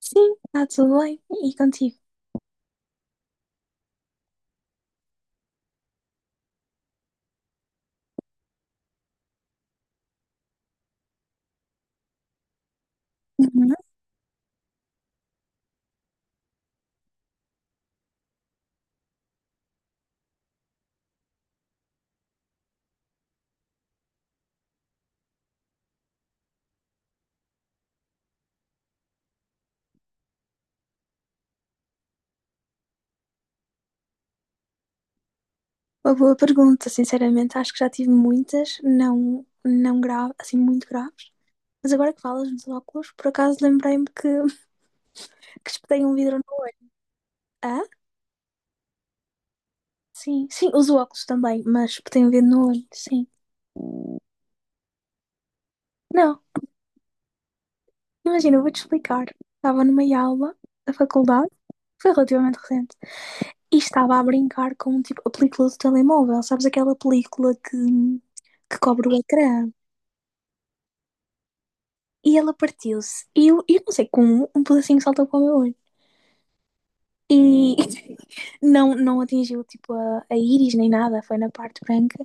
Sim, está tudo bem. E contigo? Uhum. Uma boa pergunta, sinceramente, acho que já tive muitas, não, não grave, assim, muito graves. Mas agora que falas nos óculos, por acaso lembrei-me que, que espetei um vidro no olho. Ah? Sim, sim, uso óculos também, mas espetei um vidro no olho, sim. Não, imagina, eu vou-te explicar. Estava numa aula da faculdade, foi relativamente recente, e estava a brincar com, tipo, a película do telemóvel, sabes aquela película que cobre o ecrã? E ela partiu-se. E eu não sei como, um pedacinho saltou para o meu olho. E não, não atingiu tipo a íris nem nada, foi na parte branca.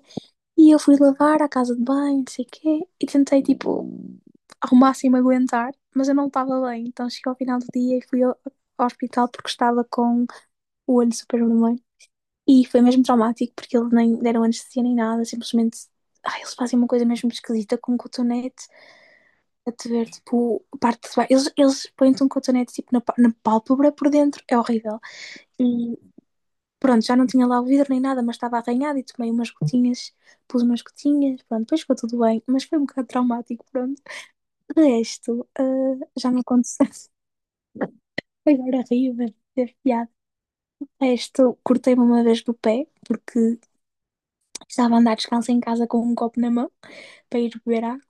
E eu fui lavar à casa de banho, não sei o quê, e tentei tipo ao máximo aguentar, mas eu não estava bem. Então cheguei ao final do dia e fui ao hospital porque estava com o olho super vermelho. E foi mesmo traumático porque eles nem deram anestesia nem nada, simplesmente. Ai, eles fazem uma coisa mesmo esquisita com um cotonete a te ver, tipo, a parte de baixo. Eles põem-te um cotonete, tipo, na, pá- na pálpebra por dentro. É horrível. E pronto, já não tinha lá o vidro nem nada, mas estava arranhado e tomei umas gotinhas, pus umas gotinhas, pronto, depois ficou tudo bem. Mas foi um bocado traumático, pronto. De resto, ah, já não aconteceu. Agora rio, mas teve piada. De resto, cortei-me uma vez do pé, porque estava a andar descalça em casa com um copo na mão para ir beber água.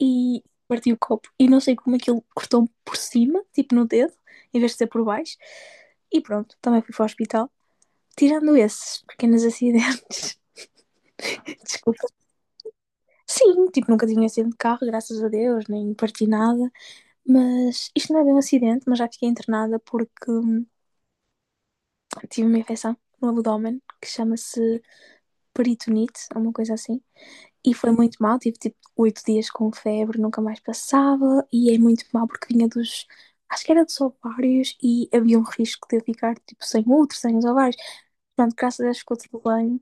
E parti o copo. E não sei como aquilo cortou por cima, tipo no dedo, em vez de ser por baixo. E pronto, também fui para o hospital. Tirando esses pequenos acidentes, desculpa. Sim, tipo, nunca tinha um acidente de carro, graças a Deus, nem parti nada. Mas isto não é bem um acidente, mas já fiquei internada porque tive uma infecção no abdômen que chama-se peritonite, alguma coisa assim. E foi muito mal, tive tipo oito dias com febre, nunca mais passava, e é muito mal porque vinha dos. Acho que era dos ovários e havia um risco de eu ficar tipo sem outro, sem os ovários. Pronto, graças a Deus ficou tudo bem.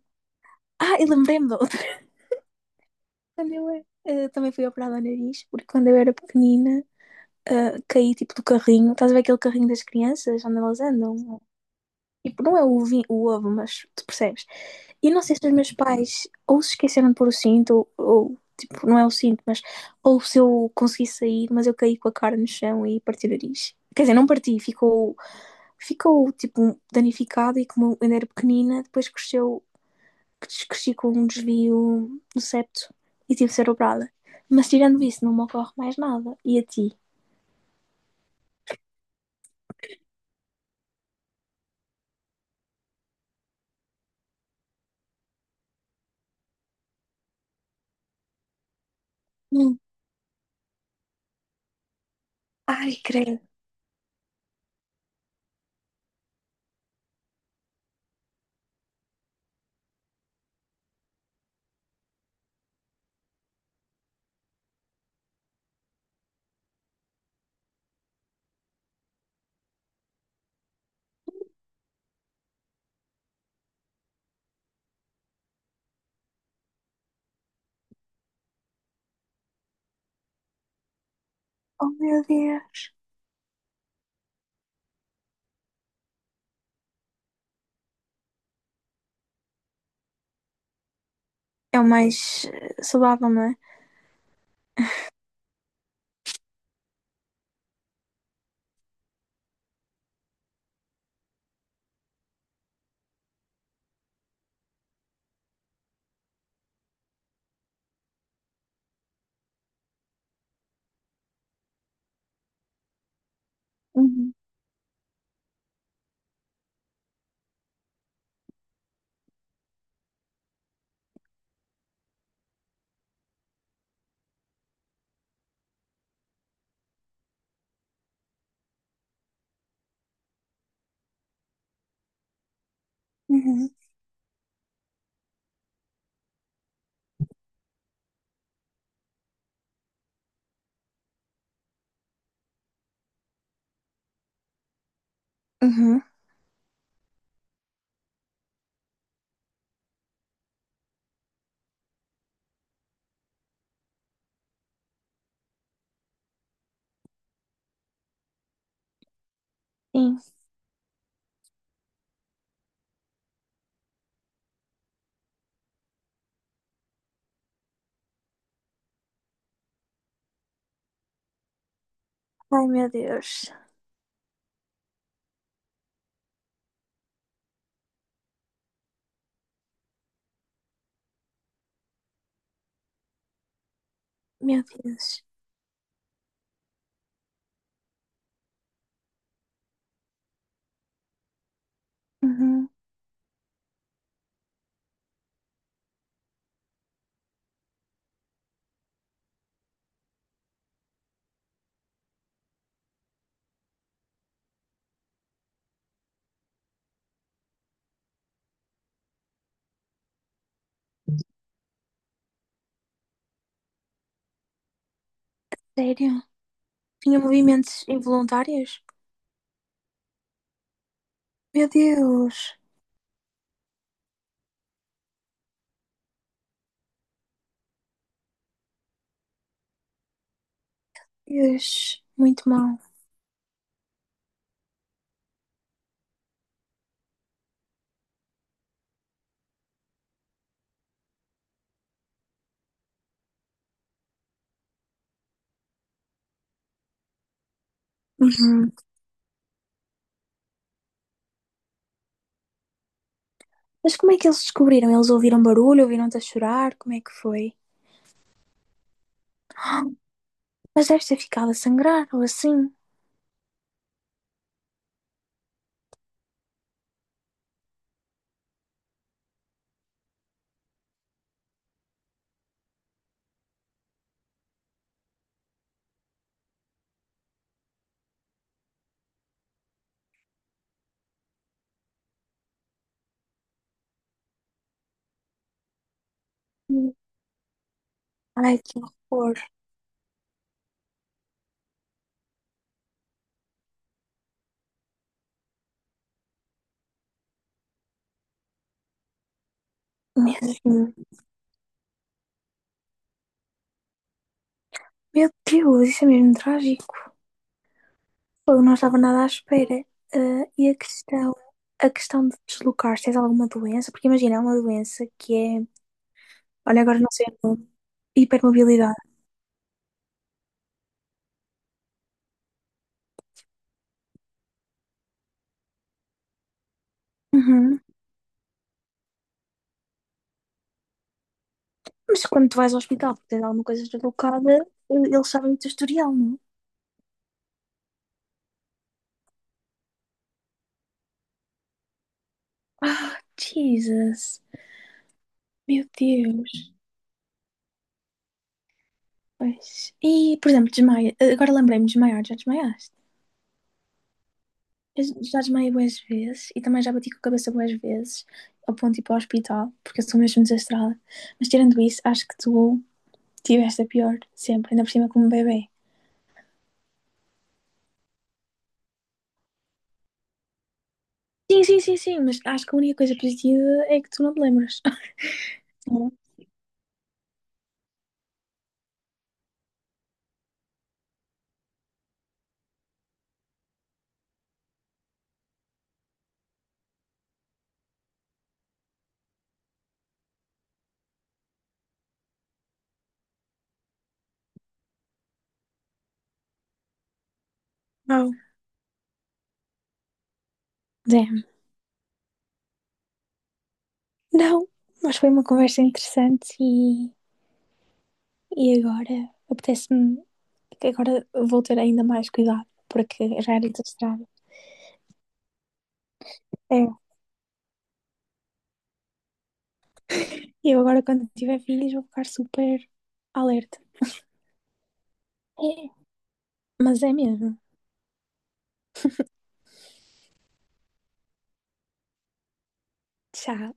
Ah, e lembrei-me da outra. Quando eu também fui operada ao nariz, porque quando eu era pequenina caí tipo do carrinho, estás a ver aquele carrinho das crianças onde elas andam? Tipo, não é o ovinho, o ovo, mas tu percebes? E não sei se os meus pais ou se esqueceram de pôr o cinto, ou tipo, não é o cinto, mas ou se eu consegui sair, mas eu caí com a cara no chão e parti o nariz. Quer dizer, não parti, ficou, ficou tipo danificado e como eu ainda era pequenina, depois cresceu, cresci com um desvio do septo e tive de ser operada. Mas tirando isso, não me ocorre mais nada. E a ti? Hum. Ai, creio. Oh meu Deus! É o mais saudável, não é? Uhum. Uhum. Uhum. Sim. Ai, meu Deus. Meu Deus. Uhum. Sério? Tinha movimentos involuntários? Meu Deus. Deus. Muito mal. Uhum. Mas como é que eles descobriram? Eles ouviram barulho? Ouviram-te a chorar? Como é que foi? Mas deve ter ficado a sangrar ou assim. Sim. Ai, que horror. Mesmo. Meu Deus, isso é mesmo trágico. Pô, eu não estava nada à espera. Ah, e a questão de deslocar, se tens alguma doença, porque imagina, é uma doença que é olha, agora não sei o nome. Hipermobilidade. Uhum. Mas quando tu vais ao hospital porque tens alguma coisa deslocada, eles sabem o teu historial, não? Ah, Jesus. Meu Deus. Pois. E, por exemplo, desmaia. Agora lembrei-me de desmaiar. Já desmaiaste? Eu já desmaiei boas vezes e também já bati com a cabeça boas vezes ao ponto de ir para o hospital, porque eu sou mesmo desastrada. Mas tirando isso, acho que tu tiveste a pior sempre, ainda por cima como bebê. Sim, sim, sim, sim, mas acho que a única coisa positiva é que tu não te lembras. Sim. Wow. É, não, mas foi uma conversa interessante e agora apetece-me que agora vou ter ainda mais cuidado, porque já era desastrado. É, eu agora quando tiver filhos vou ficar super alerta. É, mas é mesmo. Tchau.